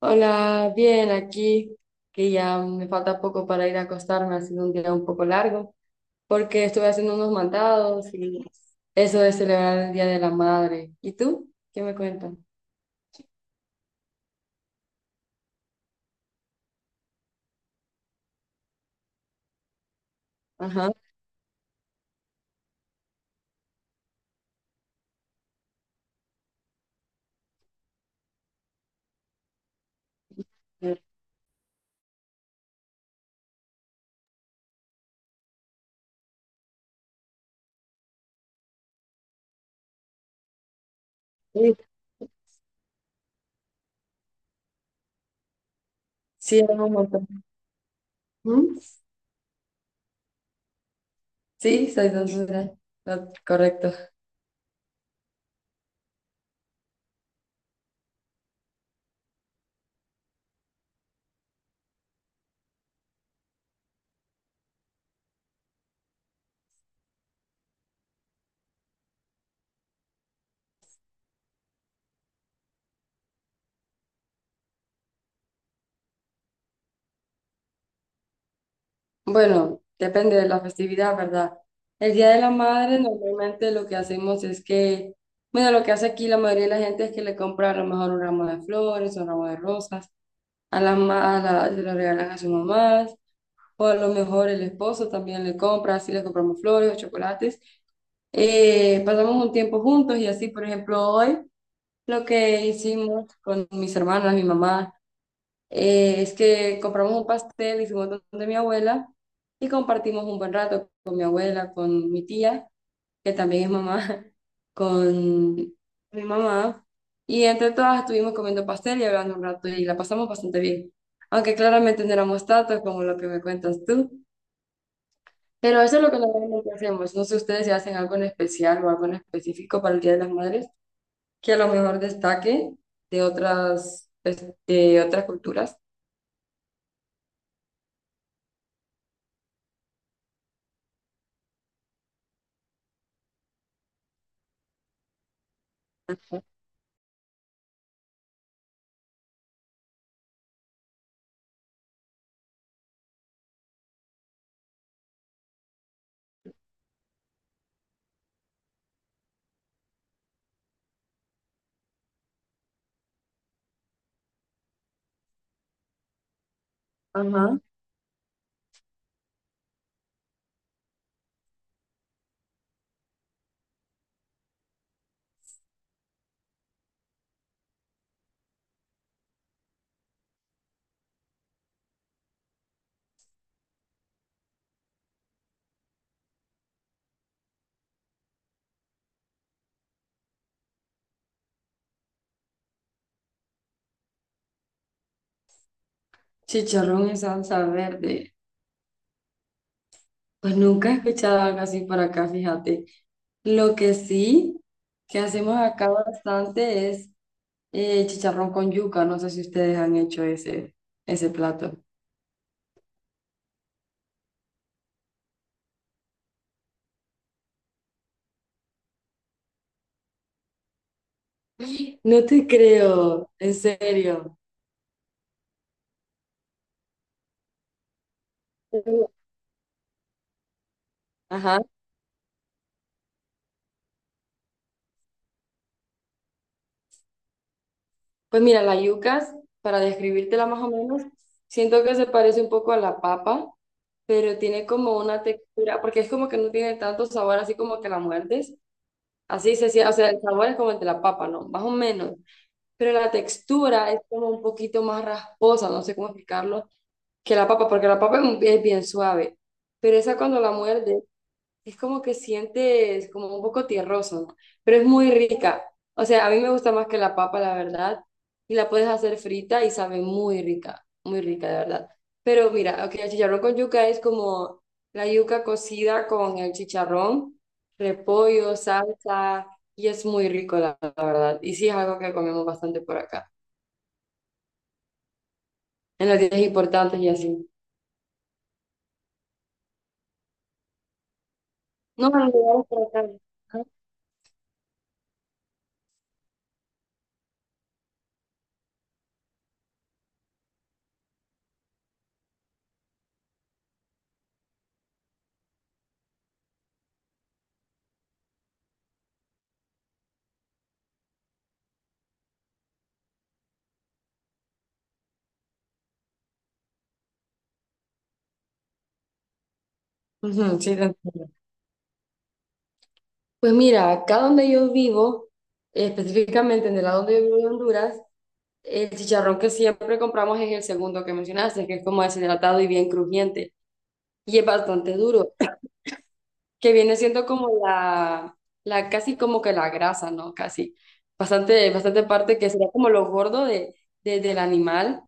Hola, bien, aquí que ya me falta poco para ir a acostarme, ha sido un día un poco largo, porque estuve haciendo unos mandados y eso de celebrar el Día de la Madre. ¿Y tú? ¿Qué me cuentas? Ajá. Sí, sí, hago un montón. ¿Mm? Sí, soy de Honduras. No, correcto. Bueno, depende de la festividad, ¿verdad? El Día de la Madre normalmente lo que hacemos es que, bueno, lo que hace aquí la mayoría de la gente es que le compra a lo mejor un ramo de flores, un ramo de rosas a la, ma- a la- se lo regalan a sus mamás o a lo mejor el esposo también le compra, así le compramos flores o chocolates. Pasamos un tiempo juntos y así, por ejemplo, hoy lo que hicimos con mis hermanas, mi mamá, es que compramos un pastel, hicimos donde mi abuela y compartimos un buen rato con mi abuela, con mi tía que también es mamá, con mi mamá. Y entre todas estuvimos comiendo pastel y hablando un rato y la pasamos bastante bien. Aunque claramente no éramos tantos como lo que me cuentas tú. Pero eso es lo que normalmente hacemos. No sé ustedes si hacen algo en especial o algo en específico para el Día de las Madres que a lo mejor destaque de otras, pues, de otras culturas. Ajá. Chicharrón en salsa verde. Pues nunca he escuchado algo así por acá, fíjate. Lo que sí que hacemos acá bastante es chicharrón con yuca. No sé si ustedes han hecho ese, ese plato. No te creo, en serio. Ajá. Pues mira, la yucas, para describírtela más o menos, siento que se parece un poco a la papa, pero tiene como una textura, porque es como que no tiene tanto sabor, así como que la muerdes. Así se siente, o sea, el sabor es como el de la papa, ¿no? Más o menos. Pero la textura es como un poquito más rasposa, no sé cómo explicarlo que la papa, porque la papa es, es bien suave, pero esa cuando la muerde es como que sientes como un poco tierroso, ¿no? Pero es muy rica. O sea, a mí me gusta más que la papa, la verdad, y la puedes hacer frita y sabe muy rica, de verdad. Pero mira, ok, el chicharrón con yuca es como la yuca cocida con el chicharrón, repollo, salsa, y es muy rico, la verdad. Y sí es algo que comemos bastante por acá, en las tiendas importantes y así. No, en lugares por acá. Ujú, sí, te entiendo. Pues mira, acá donde yo vivo, específicamente en el lado donde yo vivo de Honduras, el chicharrón que siempre compramos es el segundo que mencionaste, que es como deshidratado y bien crujiente, y es bastante duro, que viene siendo como la casi como que la grasa, ¿no? Casi, bastante, bastante parte que sería como lo gordo del animal.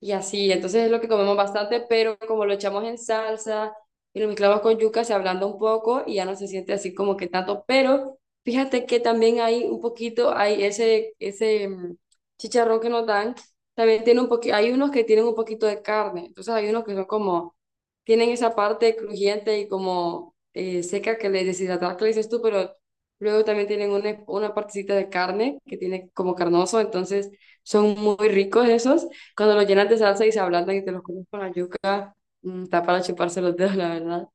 Y así, entonces es lo que comemos bastante, pero como lo echamos en salsa y lo mezclamos con yuca, se ablanda un poco y ya no se siente así como que tanto. Pero fíjate que también hay un poquito, hay ese, ese chicharrón que nos dan, también tiene un poquito, hay unos que tienen un poquito de carne, entonces hay unos que son como, tienen esa parte crujiente y como seca que le deshidratada que le dices tú, pero luego también tienen una partecita de carne que tiene como carnoso, entonces son muy ricos esos. Cuando los llenas de salsa y se ablandan y te los comes con la yuca, mm, está para chuparse los dedos, la verdad.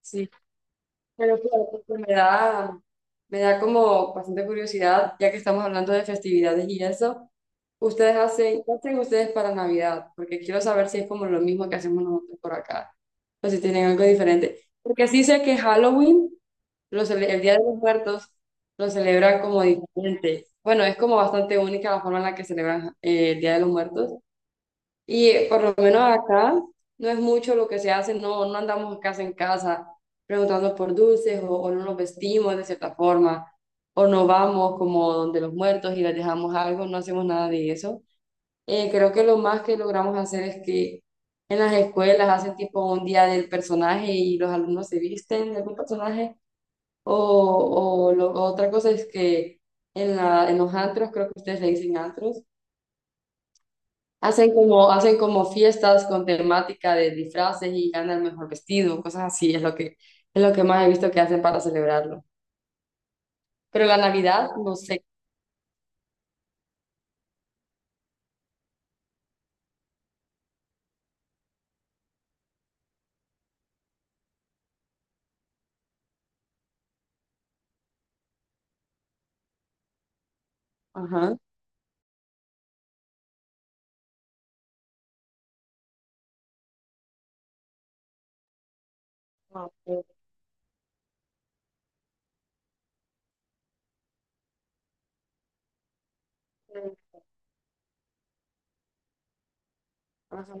Sí. Pero claro, me da como bastante curiosidad, ya que estamos hablando de festividades y eso. ¿Ustedes hacen, qué hacen ustedes para Navidad? Porque quiero saber si es como lo mismo que hacemos nosotros por acá, o si tienen algo diferente. Porque sí sé que Halloween, el Día de los Muertos, lo celebran como diferente. Bueno, es como bastante única la forma en la que celebran el Día de los Muertos. Y por lo menos acá no es mucho lo que se hace, no, no andamos casa en casa preguntando por dulces o no nos vestimos de cierta forma, o no vamos como donde los muertos y les dejamos algo, no hacemos nada de eso. Creo que lo más que logramos hacer es que en las escuelas hacen tipo un día del personaje y los alumnos se visten de algún personaje, otra cosa es que en los antros, creo que ustedes le dicen antros. Hacen como fiestas con temática de disfraces y gana el mejor vestido, cosas así, es lo que más he visto que hacen para celebrarlo. Pero la Navidad, no sé. Ajá. Ah, ok. Ajá.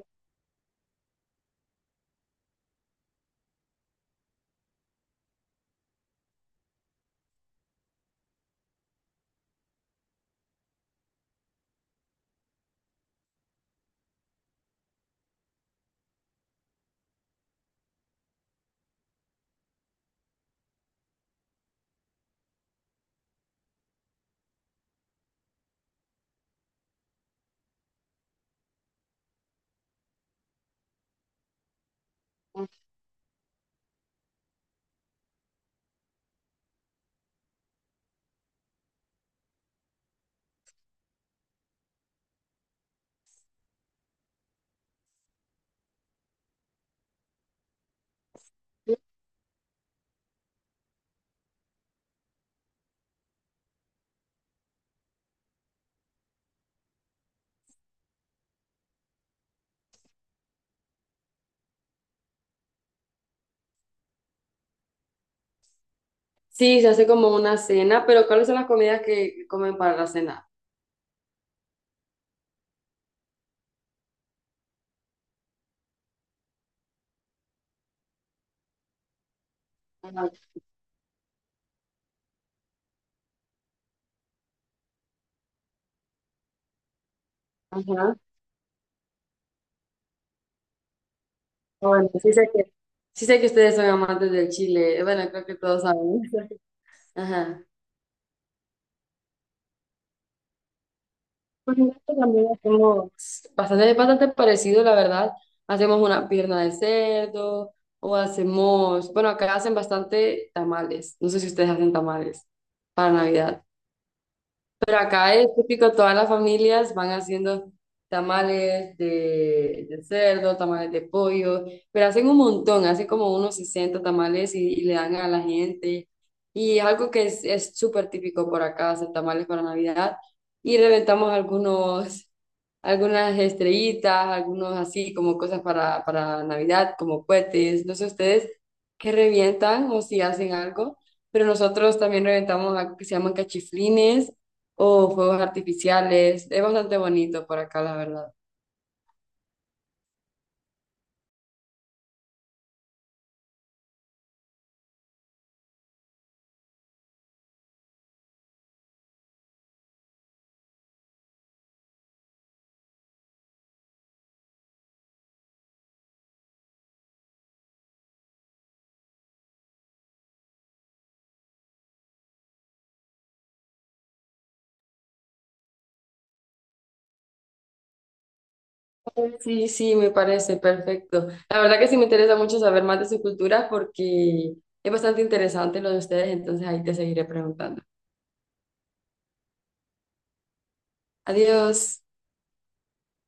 Sí, se hace como una cena, pero ¿cuáles son las comidas que comen para la cena? Ajá. Ajá. Ah, bueno, sí sé que ustedes son amantes del chile. Bueno, creo que todos saben. Ajá. Con el gato también hacemos bastante, es bastante parecido, la verdad. Hacemos una pierna de cerdo o hacemos, bueno, acá hacen bastante tamales. No sé si ustedes hacen tamales para Navidad, pero acá es típico, todas las familias van haciendo tamales de cerdo, tamales de pollo, pero hacen un montón, hacen como unos 60 tamales y le dan a la gente. Y es algo que es súper típico por acá, hacer tamales para Navidad y reventamos algunos algunas estrellitas, algunos así como cosas para Navidad, como cohetes, no sé ustedes qué revientan o si hacen algo, pero nosotros también reventamos algo que se llaman cachiflines o fuegos artificiales, es bastante bonito por acá, la verdad. Sí, sí, me parece perfecto. La verdad que sí me interesa mucho saber más de su cultura porque es bastante interesante lo de ustedes, entonces ahí te seguiré preguntando. Adiós.